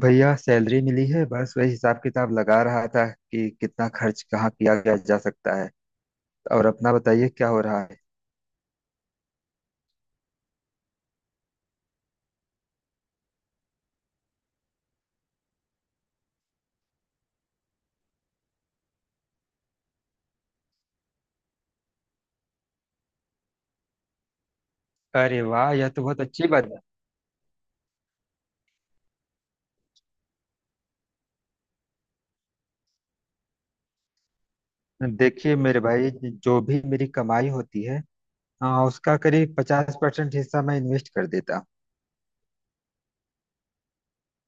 भैया सैलरी मिली है बस वही हिसाब किताब लगा रहा था कि कितना खर्च कहाँ किया गया जा सकता है। और अपना बताइए क्या हो रहा है। अरे वाह यह तो बहुत अच्छी बात है। देखिए मेरे भाई जो भी मेरी कमाई होती है, हाँ, उसका करीब 50% हिस्सा मैं इन्वेस्ट कर देता हूँ।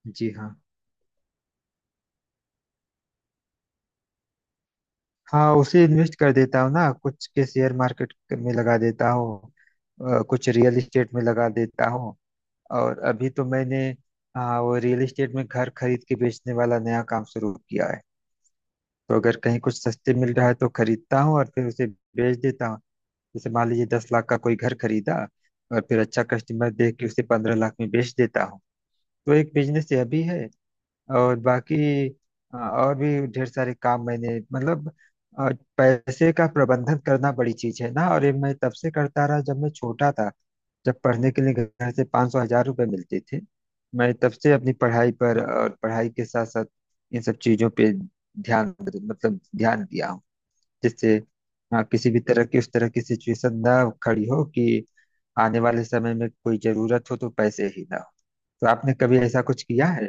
जी हाँ। हाँ उसे इन्वेस्ट कर देता हूँ ना कुछ के शेयर मार्केट में लगा देता हूँ। कुछ रियल एस्टेट में लगा देता हूँ। और अभी तो मैंने, हाँ, वो रियल एस्टेट में घर खरीद के बेचने वाला नया काम शुरू किया। तो अगर कहीं कुछ सस्ते मिल रहा है तो खरीदता हूँ और फिर उसे बेच देता हूँ। जैसे मान लीजिए 10 लाख का कोई घर खरीदा और फिर अच्छा कस्टमर देख के उसे 15 लाख में बेच देता हूँ। तो एक बिजनेस यह भी है। और बाकी और भी ढेर सारे काम मैंने मतलब अ, पैसे का प्रबंधन करना बड़ी चीज है ना। और ये मैं तब से करता रहा जब मैं छोटा था। जब पढ़ने के लिए घर से पाँच सौ हजार रुपये मिलते थे मैं तब से अपनी पढ़ाई पर और पढ़ाई के साथ साथ इन सब चीजों पे ध्यान मतलब ध्यान दिया हूँ, जिससे, हाँ, किसी भी तरह की उस तरह की सिचुएशन ना खड़ी हो कि आने वाले समय में कोई जरूरत हो तो पैसे ही ना हो। तो आपने कभी ऐसा कुछ किया है।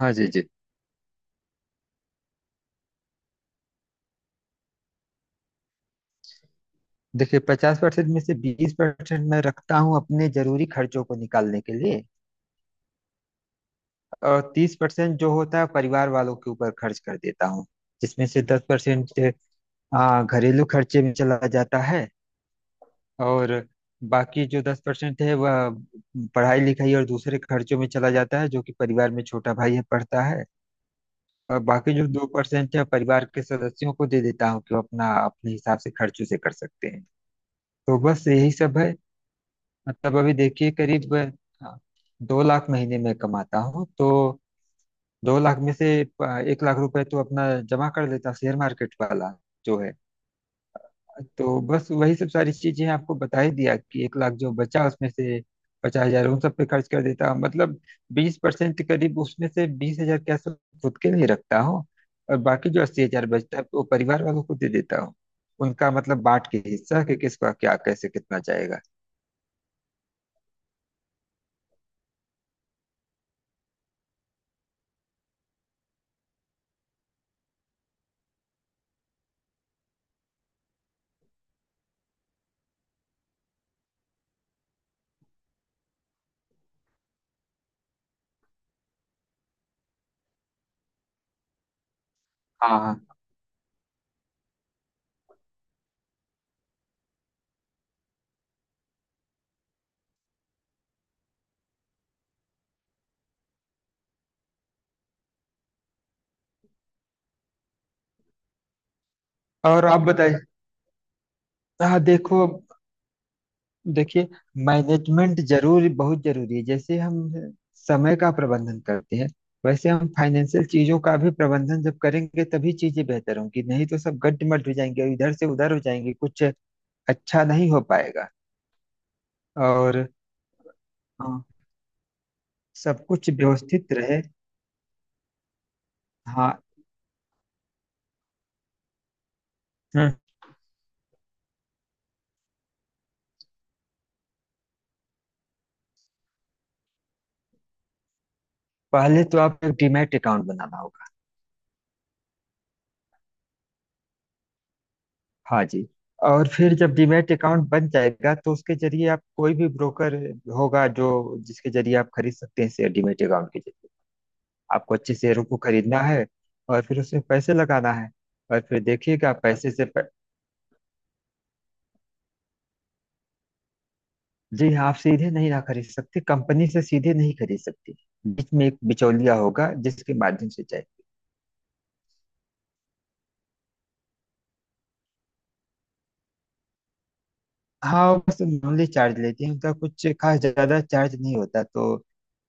हाँ जी जी। देखिए 50% में से 20% मैं रखता हूँ अपने जरूरी खर्चों को निकालने के लिए। और 30% जो होता है परिवार वालों के ऊपर खर्च कर देता हूँ जिसमें से 10% घरेलू खर्चे में चला जाता है। और बाकी जो 10% है वह पढ़ाई लिखाई और दूसरे खर्चों में चला जाता है जो कि परिवार में छोटा भाई है पढ़ता है। और बाकी जो 2% है परिवार के सदस्यों को दे देता हूँ कि वो अपना अपने हिसाब से खर्चों से कर सकते हैं। तो बस यही सब है। मतलब अभी देखिए करीब, हाँ, 2 लाख महीने में कमाता हूँ तो 2 लाख में से 1 लाख रुपए तो अपना जमा कर लेता हूँ शेयर मार्केट वाला जो है। तो बस वही सब सारी चीजें आपको बता ही दिया कि 1 लाख जो बचा उसमें से 50 हजार उन सब पे खर्च कर देता हूँ मतलब 20% करीब उसमें से 20 हजार क्या सब खुद के लिए रखता हूँ। और बाकी जो 80 हजार बचता है वो परिवार वालों को दे देता हूँ। उनका मतलब बांट के हिस्सा कि किसका क्या कैसे कितना जाएगा। हाँ हाँ और आप बताइए। हाँ देखो देखिए मैनेजमेंट जरूरी बहुत जरूरी है। जैसे हम समय का प्रबंधन करते हैं वैसे हम फाइनेंशियल चीजों का भी प्रबंधन जब करेंगे तभी चीजें बेहतर होंगी नहीं तो सब गड्डमड हो जाएंगे और इधर से उधर हो जाएंगे कुछ अच्छा नहीं हो पाएगा। और हाँ, सब कुछ व्यवस्थित रहे। हाँ। हम्म, पहले तो आपको डीमैट अकाउंट बनाना होगा। हाँ जी। और फिर जब डीमैट अकाउंट बन जाएगा तो उसके जरिए आप कोई भी ब्रोकर होगा जो जिसके जरिए आप खरीद सकते हैं शेयर डीमैट अकाउंट के जरिए। आपको अच्छे शेयरों को खरीदना है और फिर उसमें पैसे लगाना है और फिर देखिएगा पैसे से प...। जी हाँ आप सीधे नहीं ना खरीद सकते कंपनी से सीधे नहीं खरीद सकते। बीच में एक बिचौलिया होगा जिसके माध्यम से जाए। हाँ वो बस नॉर्मली चार्ज लेते हैं उनका कुछ खास ज्यादा चार्ज नहीं होता। तो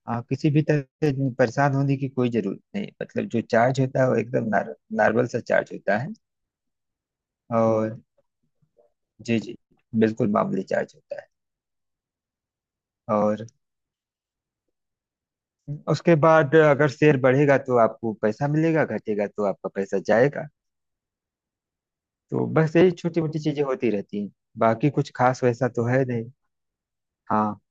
किसी भी तरह से परेशान होने की कोई जरूरत नहीं मतलब जो चार्ज होता है वो एकदम नॉर्मल सा चार्ज होता है। और जी जी बिल्कुल मामूली चार्ज होता है। और उसके बाद अगर शेयर बढ़ेगा तो आपको पैसा मिलेगा घटेगा तो आपका पैसा जाएगा। तो बस यही छोटी मोटी चीजें होती रहती हैं। बाकी कुछ खास वैसा तो है नहीं। हाँ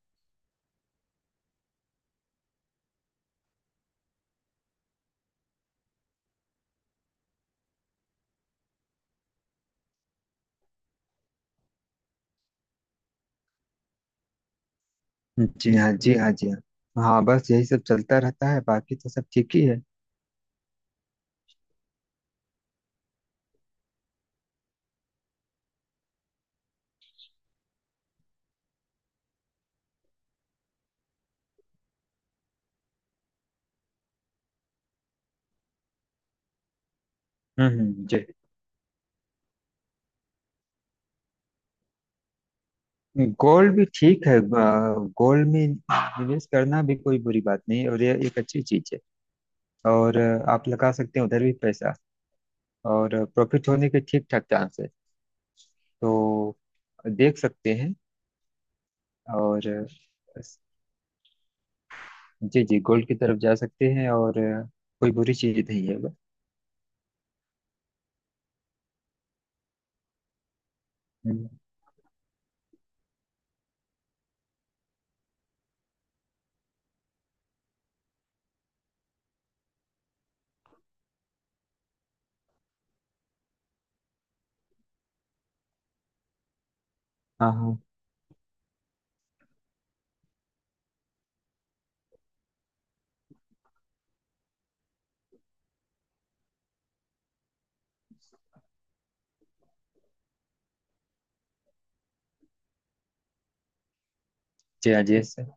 जी हाँ जी हाँ जी हाँ। हाँ बस यही सब चलता रहता है बाकी तो सब ठीक ही है। जी। गोल्ड भी ठीक है। गोल्ड में निवेश करना भी कोई बुरी बात नहीं है और ये एक अच्छी चीज है। और आप लगा सकते हैं उधर भी पैसा और प्रॉफिट होने के ठीक ठाक चांस है। तो देख सकते हैं। और जी जी गोल्ड की तरफ जा सकते हैं और कोई बुरी चीज नहीं है बस। हम्म, हाँ हाँ जी हाँ जी सर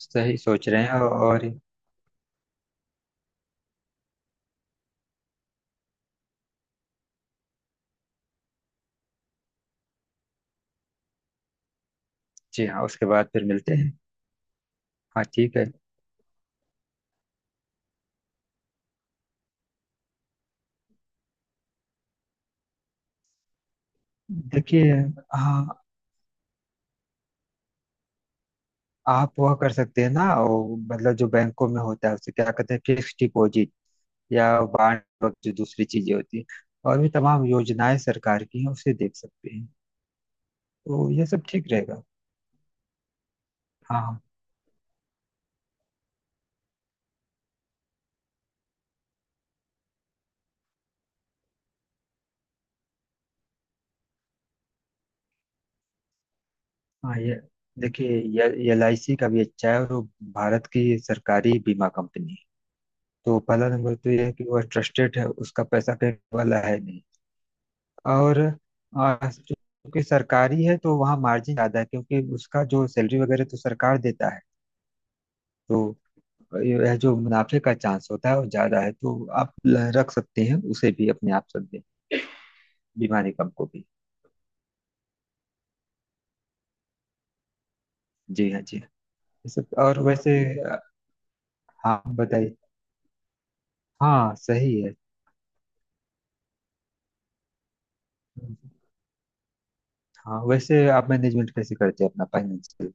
सही सोच रहे हैं और। जी हाँ उसके बाद फिर मिलते हैं। हाँ ठीक है। देखिए हाँ आप वह कर सकते हैं ना वो मतलब जो बैंकों में होता है उसे क्या कहते हैं फिक्स डिपॉजिट या बांड वक्त जो दूसरी चीजें होती हैं और भी तमाम योजनाएं सरकार की हैं उसे देख सकते हैं। तो यह सब ठीक रहेगा। हाँ हाँ। हाँ ये देखिए ये एलआईसी का भी अच्छा है और वो भारत की सरकारी बीमा कंपनी है। तो पहला नंबर तो ये है कि वह ट्रस्टेड है उसका पैसा कहीं वाला है नहीं। और चूंकि सरकारी है तो वहाँ मार्जिन ज्यादा है क्योंकि उसका जो सैलरी वगैरह तो सरकार देता है। तो यह जो मुनाफे का चांस होता है वो ज्यादा है। तो आप रख सकते हैं उसे भी अपने आप सब में बीमा निगम को भी। जी हाँ जी हाँ। और वैसे आ, हाँ बताइए। हाँ सही है। हाँ वैसे आप मैनेजमेंट कैसे करते हैं अपना फाइनेंशियल।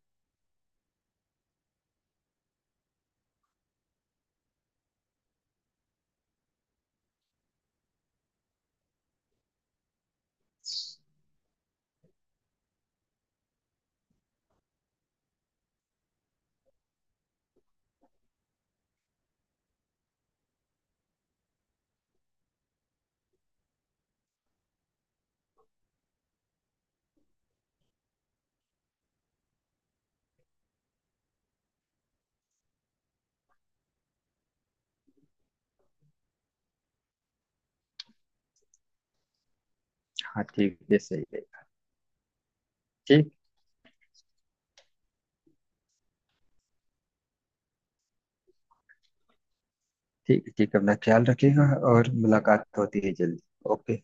हाँ ठीक है सही है। ठीक ठीक ठीक अपना ख्याल रखिएगा। और मुलाकात होती है जल्दी। ओके।